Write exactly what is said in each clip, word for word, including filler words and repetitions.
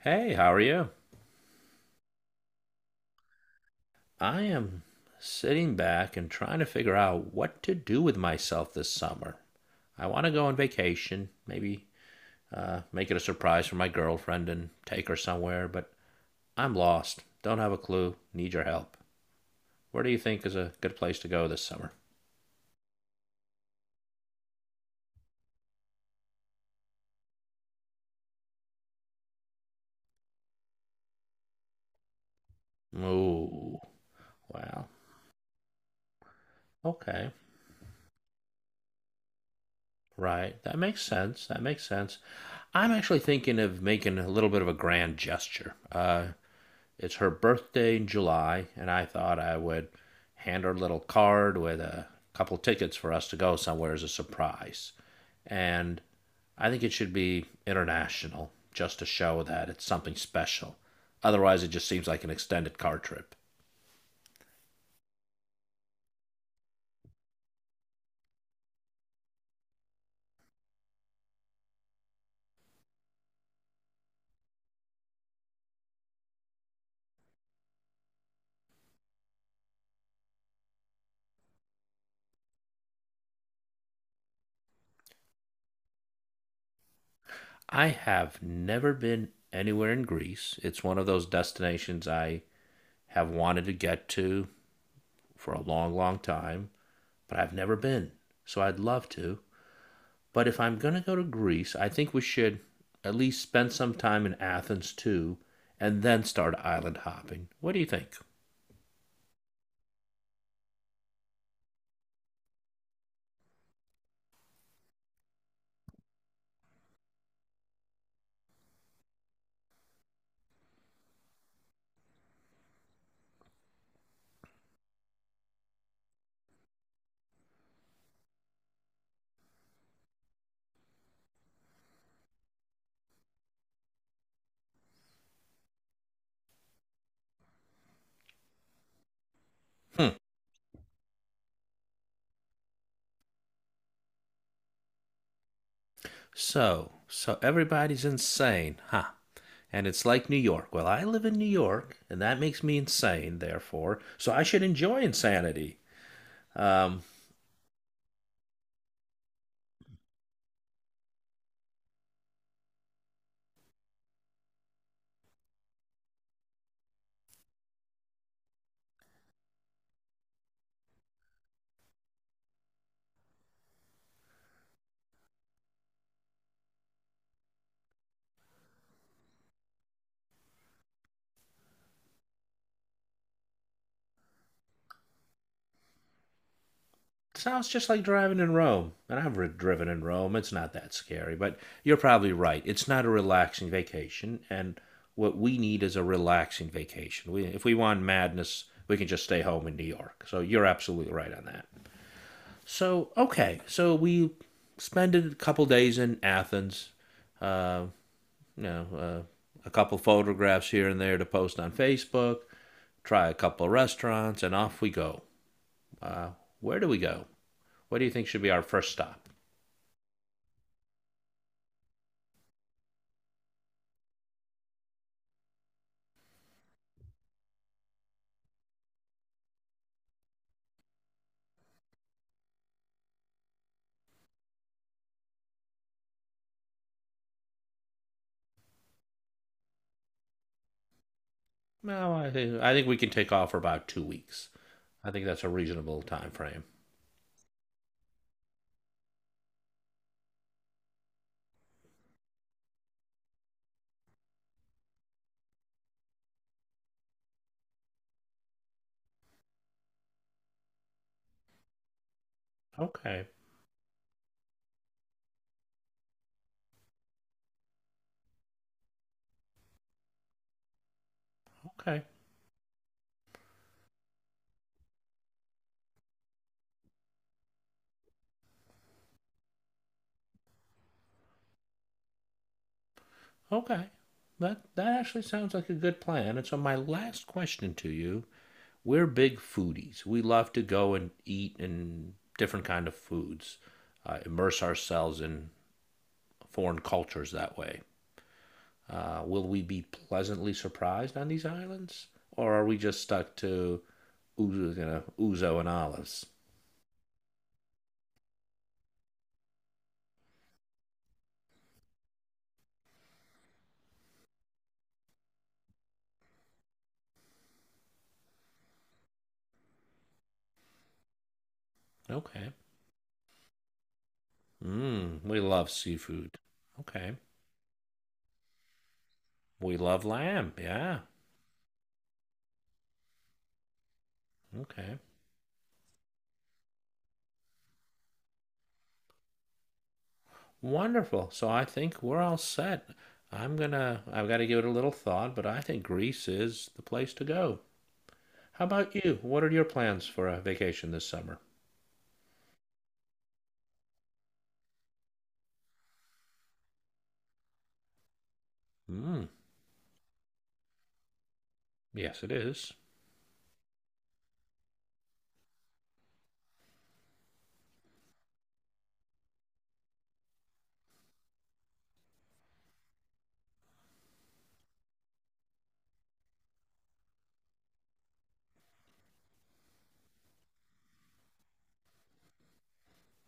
Hey, how are you? I am sitting back and trying to figure out what to do with myself this summer. I want to go on vacation, maybe uh, make it a surprise for my girlfriend and take her somewhere, but I'm lost. Don't have a clue. Need your help. Where do you think is a good place to go this summer? Ooh, well, okay. Right. That makes sense. That makes sense. I'm actually thinking of making a little bit of a grand gesture. Uh, It's her birthday in July, and I thought I would hand her a little card with a couple tickets for us to go somewhere as a surprise. And I think it should be international just to show that it's something special. Otherwise, it just seems like an extended car trip. I have never been anywhere in Greece. It's one of those destinations I have wanted to get to for a long, long time, but I've never been. So I'd love to. But if I'm going to go to Greece, I think we should at least spend some time in Athens too, and then start island hopping. What do you think? Hmm. So, so everybody's insane, huh? And it's like New York. Well, I live in New York, and that makes me insane, therefore, so I should enjoy insanity. Um, Sounds just like driving in Rome. And I've driven in Rome. It's not that scary, but you're probably right. It's not a relaxing vacation. And what we need is a relaxing vacation. We, if we want madness, we can just stay home in New York. So you're absolutely right on that. So, okay. So we spent a couple days in Athens. Uh, you know, uh, a couple photographs here and there to post on Facebook, try a couple restaurants, and off we go. Uh, where do we go? What do you think should be our first stop? No, I think I think we can take off for about two weeks. I think that's a reasonable time frame. Okay, okay, okay. That that actually sounds like a good plan. And so my last question to you: we're big foodies. We love to go and eat and different kind of foods, uh, immerse ourselves in foreign cultures that way. Uh, will we be pleasantly surprised on these islands, or are we just stuck to ouzo, you know, ouzo and olives? Okay. Mm, we love seafood. Okay. We love lamb. Yeah. Okay. Wonderful. So I think we're all set. I'm gonna. I've got to give it a little thought, but I think Greece is the place to go. How about you? What are your plans for a vacation this summer? Mm, yes, it is.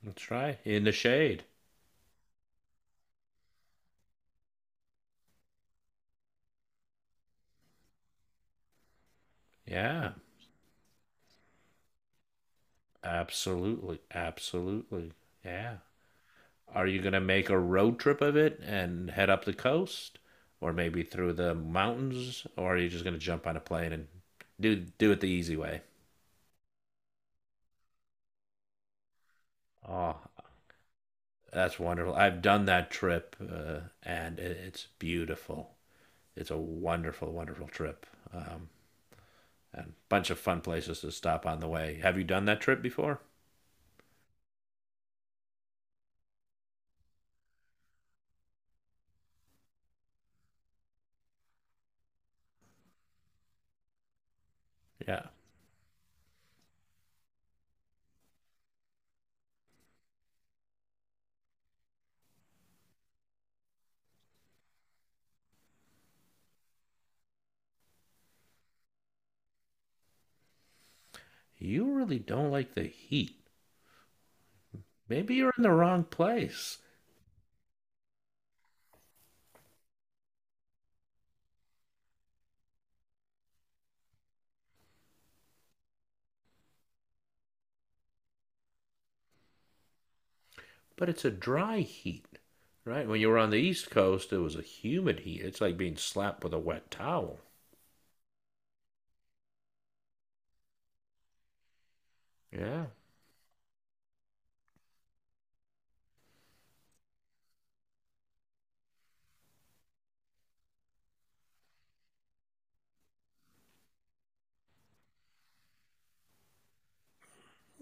That's right. In the shade. Yeah. Absolutely. Absolutely. Yeah. Are you going to make a road trip of it and head up the coast or maybe through the mountains, or are you just going to jump on a plane and do do it the easy way? Oh, that's wonderful. I've done that trip uh, and it, it's beautiful. It's a wonderful, wonderful trip. Um, and bunch of fun places to stop on the way. Have you done that trip before? Yeah. You really don't like the heat. Maybe you're in the wrong place. But it's a dry heat, right? When you were on the East Coast, it was a humid heat. It's like being slapped with a wet towel. Yeah.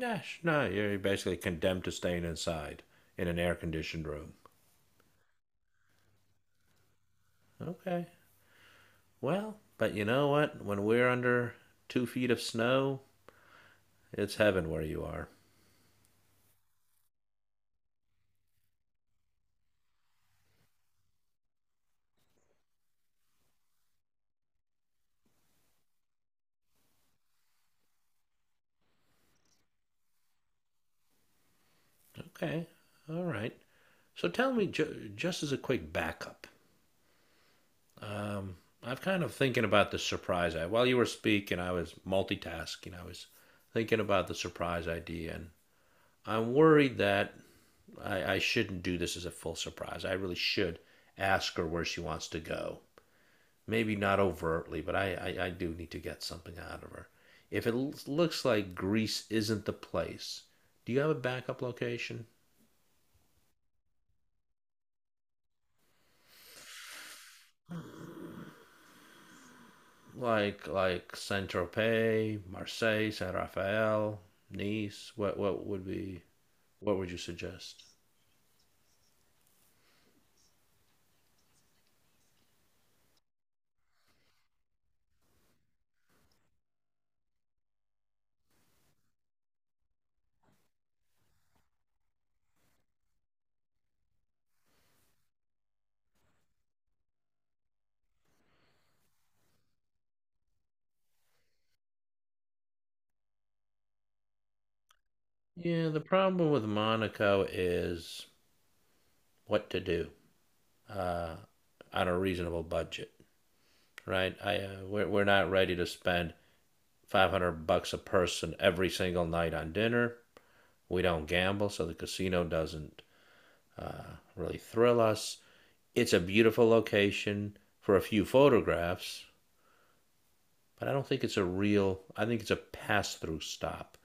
Gosh, no, you're basically condemned to staying inside in an air conditioned room. Okay. Well, but you know what? When we're under two feet of snow, it's heaven where you are. Okay. All right. So tell me, ju- just as a quick backup, Um, I'm kind of thinking about the surprise. I while you were speaking, I was multitasking. I was thinking about the surprise idea, and I'm worried that I, I shouldn't do this as a full surprise. I really should ask her where she wants to go. Maybe not overtly, but I, I, I do need to get something out of her. If it l- looks like Greece isn't the place, do you have a backup location? Like like Saint Tropez, Marseille, Saint Raphael, Nice. What what would be. What would you suggest? Yeah, the problem with Monaco is what to do uh, on a reasonable budget, right? I uh, we're, we're not ready to spend five hundred bucks a person every single night on dinner. We don't gamble, so the casino doesn't uh, really thrill us. It's a beautiful location for a few photographs, but I don't think it's a real. I think it's a pass-through stop.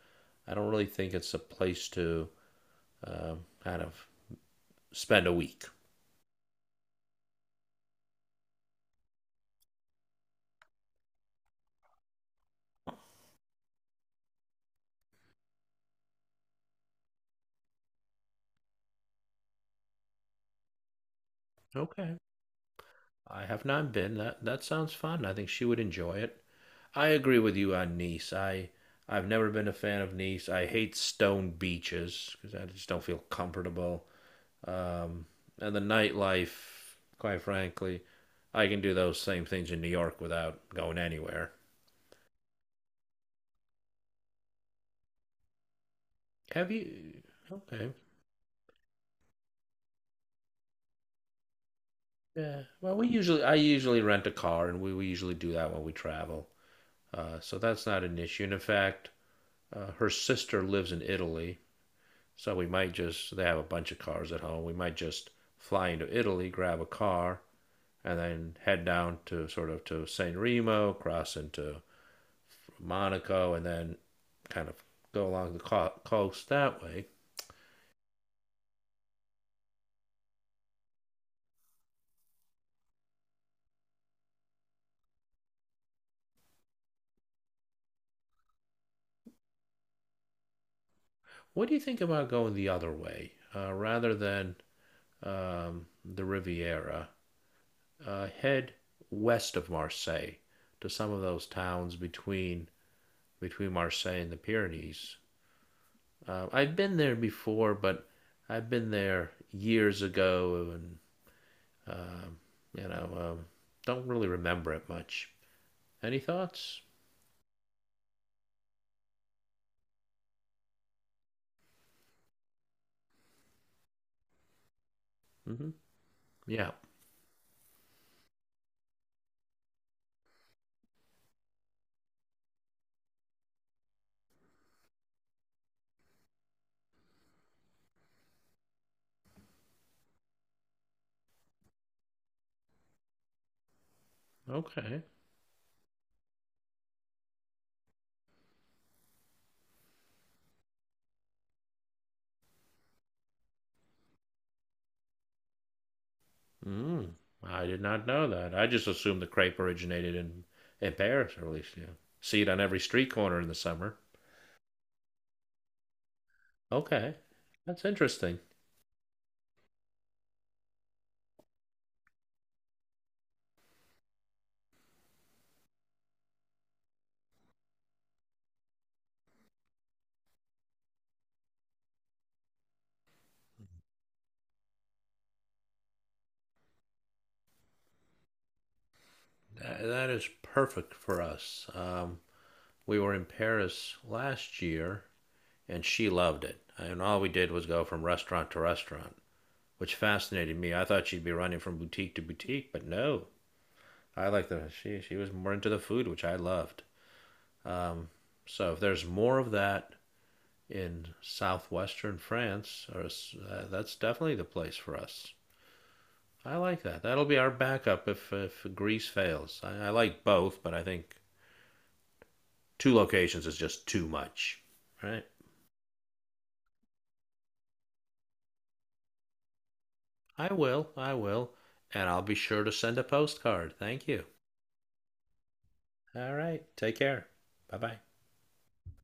I don't really think it's a place to uh, kind of spend a week. Okay. I have not been. That that sounds fun. I think she would enjoy it. I agree with you on Nice. I I've never been a fan of Nice. I hate stone beaches because I just don't feel comfortable. Um, and the nightlife, quite frankly, I can do those same things in New York without going anywhere. Have you? Okay. Yeah. Well, we usually I usually rent a car, and we, we usually do that when we travel. Uh, so that's not an issue. And in fact, uh, her sister lives in Italy. So we might just, they have a bunch of cars at home. We might just fly into Italy, grab a car, and then head down to sort of to San Remo, cross into Monaco, and then kind of go along the co- coast that way. What do you think about going the other way? Uh, rather than um, the Riviera, uh, head west of Marseille to some of those towns between between Marseille and the Pyrenees. Um, I've been there before, but I've been there years ago, and um, you know, um, don't really remember it much. Any thoughts? Hmm. Yeah. Okay. Mm. I did not know that. I just assumed the crepe originated in in Paris, or at least, you know, see it on every street corner in the summer. Okay, that's interesting. That, that is perfect for us. Um, we were in Paris last year, and she loved it. And all we did was go from restaurant to restaurant, which fascinated me. I thought she'd be running from boutique to boutique, but no. I like the she. She was more into the food, which I loved. Um, so if there's more of that in southwestern France, or uh, that's definitely the place for us. I like that. That'll be our backup if if Greece fails. I, I like both, but I think two locations is just too much. Right? I will. I will, and I'll be sure to send a postcard. Thank you. All right. Take care. Bye bye.